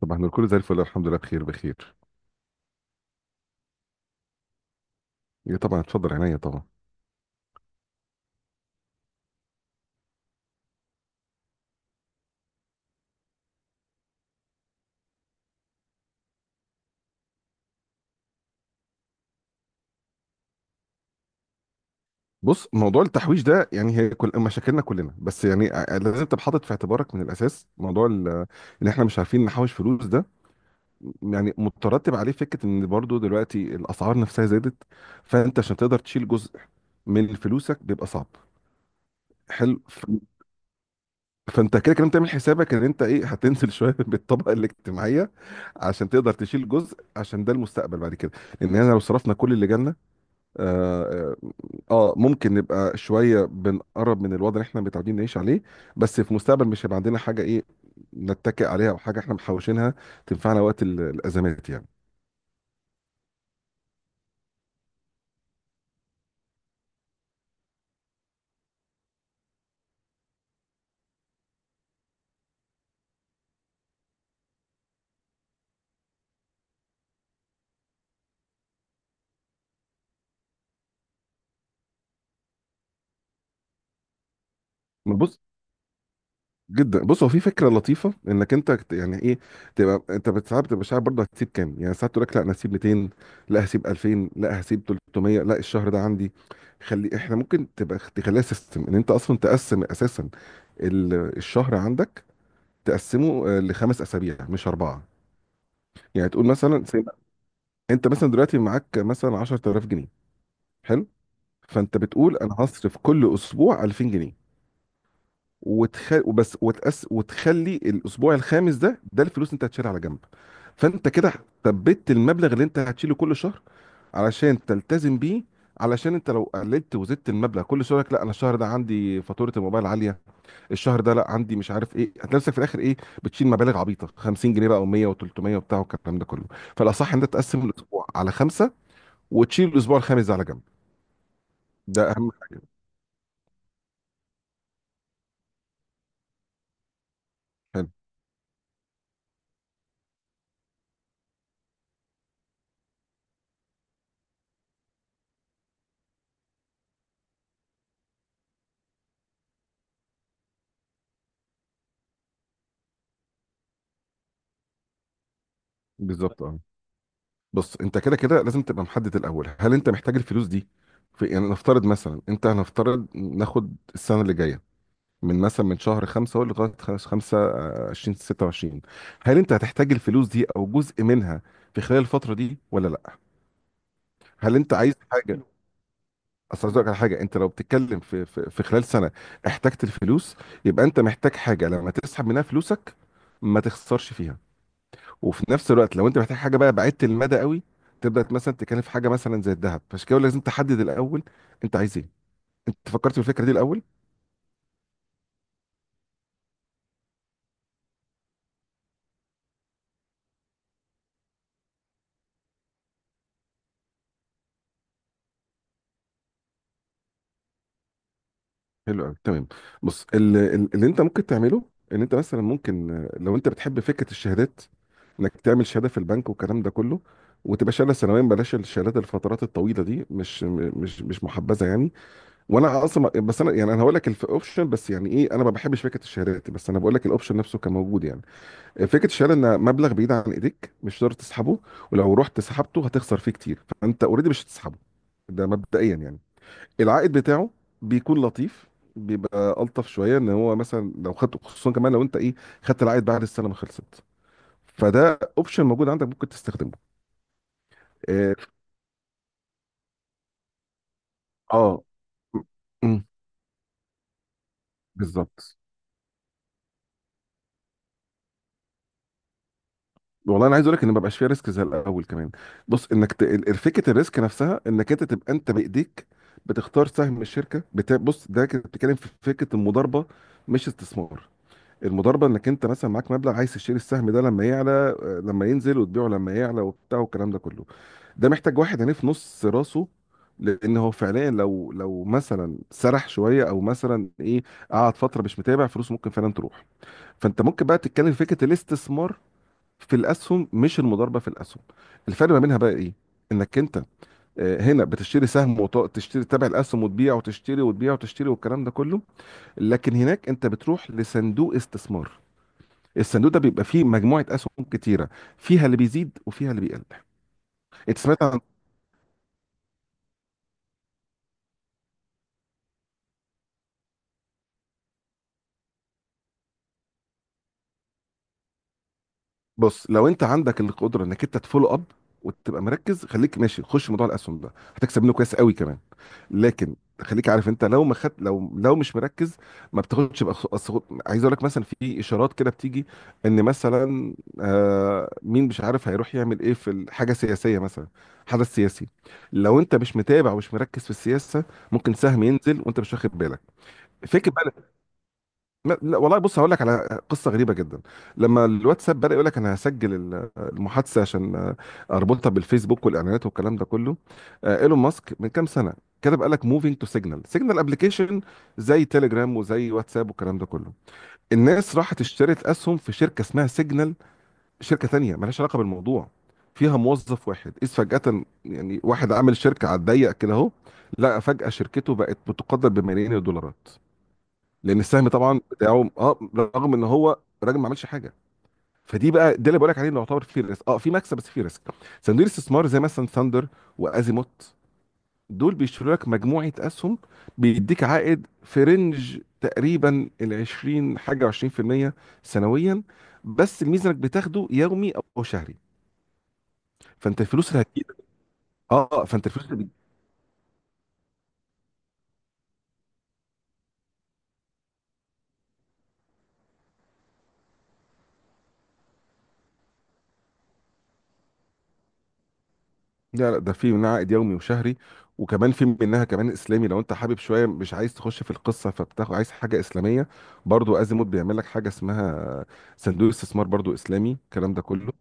طب احنا الكل زي الفل، الحمد لله، بخير بخير. ايه طبعا، اتفضل عينيا طبعا. بص، موضوع التحويش ده يعني هي كل مشاكلنا كلنا، بس يعني لازم تبقى حاطط في اعتبارك من الاساس موضوع ان احنا مش عارفين نحوش فلوس ده، يعني مترتب عليه فكره ان برضو دلوقتي الاسعار نفسها زادت، فانت عشان تقدر تشيل جزء من فلوسك بيبقى صعب. حلو. فانت كده كده بتعمل حسابك ان انت ايه، هتنزل شويه بالطبقه الاجتماعيه عشان تقدر تشيل جزء، عشان ده المستقبل بعد كده. ان احنا لو صرفنا كل اللي جالنا، اه، ممكن نبقى شويه بنقرب من الوضع اللي احنا متعودين نعيش عليه، بس في المستقبل مش هيبقى عندنا حاجه ايه نتكئ عليها، او حاجه احنا محوشينها تنفعنا وقت الازمات يعني. ما بص، جدا. بص، هو في فكره لطيفه انك انت يعني ايه، تبقى انت ساعات بتبقى مش عارف برضه هتسيب كام، يعني ساعات تقول لك لا انا هسيب 200، لا هسيب 2000، لا هسيب 300، لا الشهر ده عندي. خلي، احنا ممكن تبقى تخليها سيستم ان انت اصلا تقسم اساسا الشهر عندك، تقسمه لخمس اسابيع مش اربعه. يعني تقول مثلا زي انت مثلا دلوقتي معاك مثلا 10000 جنيه. حلو. فانت بتقول انا هصرف كل اسبوع 2000 جنيه، وتخلي الاسبوع الخامس ده ده الفلوس اللي انت هتشيلها على جنب. فانت كده ثبت المبلغ اللي انت هتشيله كل شهر علشان تلتزم بيه، علشان انت لو قللت وزدت المبلغ كل شهر لك، لا انا الشهر ده عندي فاتوره الموبايل عاليه، الشهر ده لا عندي مش عارف ايه، هتلاقي نفسك في الاخر ايه، بتشيل مبالغ عبيطه 50 جنيه بقى و100 و300 وبتاع والكلام ده كله. فالاصح ان انت تقسم الاسبوع على خمسه وتشيل الاسبوع الخامس ده على جنب. ده اهم حاجه. حلو، بالظبط اه. بص، انت كده كده لازم تبقى محدد الاول، هل انت محتاج الفلوس دي في، يعني نفترض مثلا انت، هنفترض ناخد السنه اللي جايه، من مثلا من شهر خمسة هو لغايه خمسة 20 26، هل انت هتحتاج الفلوس دي او جزء منها في خلال الفتره دي ولا لا؟ هل انت عايز حاجه؟ اصل عايز أقولك على حاجه، انت لو بتتكلم في خلال سنه احتجت الفلوس، يبقى انت محتاج حاجه لما تسحب منها فلوسك ما تخسرش فيها. وفي نفس الوقت لو انت محتاج حاجه بقى بعيدة المدى قوي، تبدا مثلا تتكلم في حاجه مثلا زي الذهب. فعشان كده لازم تحدد الاول انت عايز ايه، انت فكرت في الفكره دي الاول؟ حلو قوي، تمام. بص، اللي انت ممكن تعمله ان انت مثلا ممكن، لو انت بتحب فكره الشهادات انك تعمل شهاده في البنك والكلام ده كله، وتبقى شهاده سنويا. بلاش الشهادات الفترات الطويله دي، مش مش محبذه يعني. وانا اصلا، بس انا يعني انا هقول لك الاوبشن، بس يعني ايه، انا ما بحبش فكره الشهادات، بس انا بقول لك الاوبشن نفسه كان موجود يعني. فكره الشهاده ان مبلغ بعيد عن ايديك مش هتقدر تسحبه، ولو رحت سحبته هتخسر فيه كتير، فانت اوريدي مش هتسحبه ده مبدئيا يعني. العائد بتاعه بيكون لطيف، بيبقى الطف شويه ان هو مثلا لو خدت، خصوصا كمان لو انت ايه، خدت العائد بعد السنه ما خلصت. فده اوبشن موجود عندك ممكن تستخدمه. اه. آه. م- م. بالظبط. والله انا عايز اقول لك ان ما بقاش فيها ريسك زي الاول كمان. بص، انك فكره الريسك نفسها انك انت تبقى انت بايديك بتختار سهم الشركه بص، ده كنت بتتكلم في فكره المضاربه مش استثمار. المضاربه انك انت مثلا معاك مبلغ عايز تشتري السهم ده لما يعلى، لما ينزل وتبيعه لما يعلى وبتاع والكلام ده كله. ده محتاج واحد يعني في نص راسه، لان هو فعليا لو مثلا سرح شويه او مثلا ايه، قعد فتره مش متابع فلوسه ممكن فعلا تروح. فانت ممكن بقى تتكلم في فكره الاستثمار في الاسهم، مش المضاربه في الاسهم. الفرق ما بينها بقى ايه؟ انك انت هنا بتشتري سهم وتشتري تبع الاسهم، وتبيع وتشتري وتبيع وتشتري والكلام ده كله. لكن هناك انت بتروح لصندوق استثمار، الصندوق ده بيبقى فيه مجموعه اسهم كتيره، فيها اللي بيزيد وفيها اللي بيقل. انت سمعت. بص، لو انت عندك القدره انك انت تفولو اب وتبقى مركز، خليك ماشي، خش موضوع الاسهم ده، هتكسب منه كويس قوي كمان. لكن خليك عارف، انت لو ما خد، لو مش مركز، ما بتاخدش عايز اقول لك مثلا في اشارات كده بتيجي، ان مثلا، آه مين مش عارف هيروح يعمل ايه في حاجه سياسيه مثلا، حدث سياسي، لو انت مش متابع ومش مركز في السياسه، ممكن سهم ينزل وانت مش واخد بالك. فكر. لا والله. بص، هقول لك على قصه غريبه جدا. لما الواتساب بدا يقول لك انا هسجل المحادثه عشان اربطها بالفيسبوك والاعلانات والكلام ده كله، ايلون ماسك من كام سنه كتب قال لك موفينج تو سيجنال، سيجنال ابلكيشن، زي تيليجرام وزي واتساب والكلام ده كله. الناس راحت اشترت اسهم في شركه اسمها سيجنال، شركه تانية مالهاش علاقه بالموضوع، فيها موظف واحد، اذ فجاه يعني واحد عامل شركه على الضيق كده اهو، لقى فجاه شركته بقت بتقدر بملايين الدولارات، لان السهم طبعا بتاعه اه، رغم ان هو الراجل ما عملش حاجه. فدي بقى ده اللي بقول لك عليه اللي يعتبر فيه ريسك، اه في مكسب بس فيه ريسك. صناديق الاستثمار زي مثلا ثاندر وازيموت، دول بيشتروا لك مجموعه اسهم، بيديك عائد في رينج تقريبا ال 20 حاجه و20% سنويا، بس الميزه انك بتاخده يومي او شهري. فانت الفلوس اللي هتجيلك، اه فانت الفلوس اللي، لا ده في منها عائد يومي وشهري، وكمان في منها كمان اسلامي لو انت حابب شويه مش عايز تخش في القصه، فبتاخد عايز حاجه اسلاميه، برضو ازيموت بيعمل لك حاجه اسمها صندوق استثمار برضو اسلامي الكلام ده كله.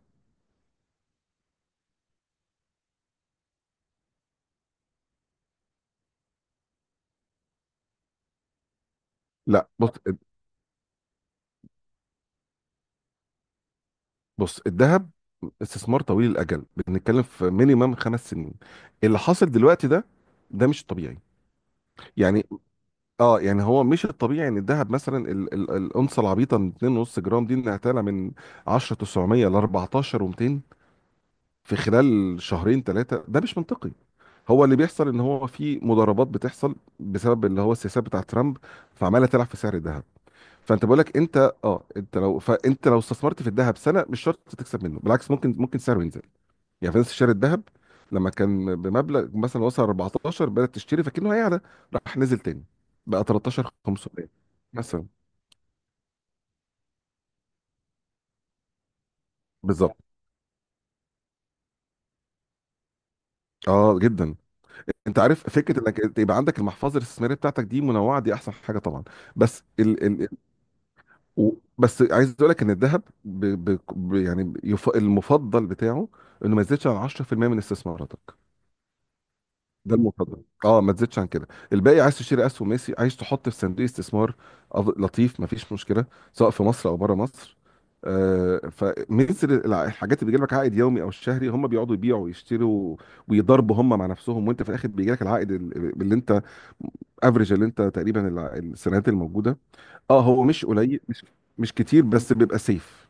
لا بص، بص الذهب استثمار طويل الاجل، بنتكلم في مينيمم خمس سنين. اللي حاصل دلوقتي ده، ده مش الطبيعي يعني. اه يعني هو مش الطبيعي ان الذهب مثلا الانصه العبيطه من 2.5 جرام دي انها تعلى من 10 900 ل 14 و200 في خلال شهرين ثلاثة، ده مش منطقي. هو اللي بيحصل ان هو في مضاربات بتحصل بسبب اللي هو السياسات بتاعة ترامب، فعمالة تلعب في سعر الذهب. فانت بقول لك انت اه، انت لو، فانت لو استثمرت في الذهب سنة مش شرط تكسب منه، بالعكس ممكن، ممكن سعره ينزل، يعني فلوس شاري الذهب لما كان بمبلغ مثلا وصل 14 بدأت تشتري فكأنه هيعلى، راح نزل تاني بقى 13 500 مثلا. بالظبط، اه جدا. انت عارف فكره انك يبقى عندك المحفظه الاستثماريه بتاعتك دي منوعه، دي احسن حاجه طبعا، بس ال و... بس عايز اقول لك ان الذهب يعني المفضل بتاعه انه ما يزيدش عن 10% من استثماراتك، ده المفضل اه، ما تزيدش عن كده. الباقي عايز تشتري اسهم، ميسي عايز تحط في صندوق استثمار لطيف، ما فيش مشكله، سواء في مصر او بره مصر. آه، فمثل الحاجات اللي بيجي لك عائد يومي او شهري، هم بيقعدوا يبيعوا ويشتروا ويضربوا هم مع نفسهم، وانت في الاخر بيجي لك العائد اللي انت افريج، اللي انت تقريبا السنوات الموجوده. اه هو مش قليل، مش مش كتير، بس بيبقى سيف.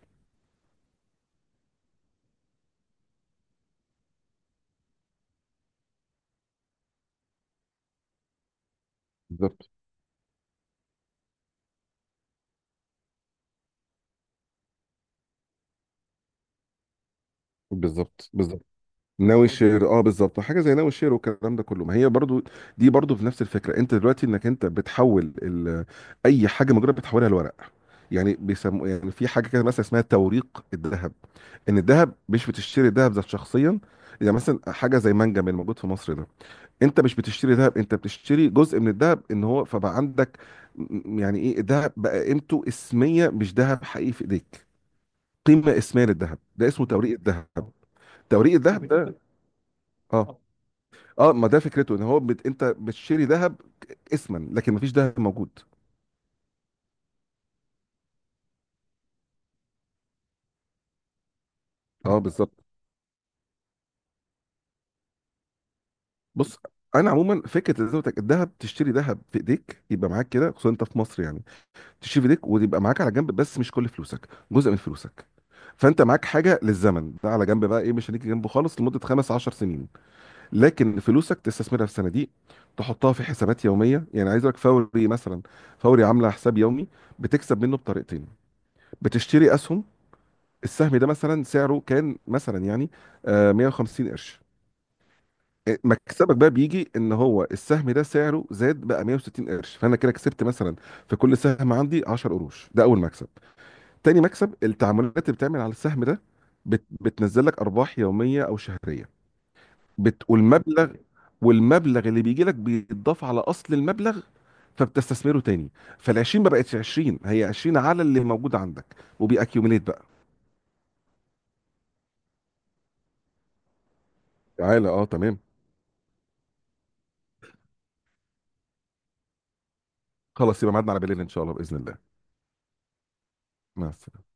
بالظبط، بالظبط. بالظبط، ناوي الشير اه، بالظبط، حاجه زي ناوي الشير والكلام ده كله، ما هي برضو دي برضو في نفس الفكره. انت دلوقتي انك انت بتحول اي حاجه مجرد بتحولها لورق، يعني بيسموا يعني، في حاجه كده مثلا اسمها توريق الذهب، ان الذهب مش بتشتري الذهب ذات شخصيا، يعني مثلا حاجه زي منجم الموجود في مصر ده، انت مش بتشتري ذهب، انت بتشتري جزء من الذهب ان هو فبقى عندك. يعني ايه، الذهب بقى قيمته اسميه مش ذهب حقيقي في ايديك، قيمه اسميه للذهب، ده اسمه توريق الذهب. توريق الذهب ده، اه اه، ما ده فكرته ان هو انت بتشتري ذهب اسما لكن ما فيش ذهب موجود. اه بالظبط. بص، انا عموما فكره زي ما قلت لك، الذهب تشتري ذهب في ايديك يبقى معاك كده، خصوصا انت في مصر يعني، تشيل في ايديك وتبقى معاك على جنب، بس مش كل فلوسك جزء من فلوسك. فانت معاك حاجه للزمن ده على جنب بقى ايه، مش هنيجي جنبه خالص لمده خمس عشر سنين. لكن فلوسك تستثمرها في صناديق، تحطها في حسابات يوميه يعني، عايز لك فوري مثلا، فوري عامله حساب يومي، بتكسب منه بطريقتين، بتشتري اسهم، السهم ده مثلا سعره كان مثلا يعني 150 قرش، مكسبك بقى بيجي ان هو السهم ده سعره زاد بقى 160 قرش، فانا كده كسبت مثلا في كل سهم عندي 10 قروش، ده اول مكسب. تاني مكسب التعاملات اللي بتعمل على السهم ده بتنزل لك ارباح يوميه او شهريه والمبلغ، والمبلغ اللي بيجي لك بيتضاف على اصل المبلغ فبتستثمره تاني، فال 20 ما بقتش 20، هي 20 على اللي موجود عندك وبيأكيوميليت بقى. تعالى اه تمام، خلاص يبقى ميعادنا على بالليل ان شاء الله باذن الله. مع السلامه.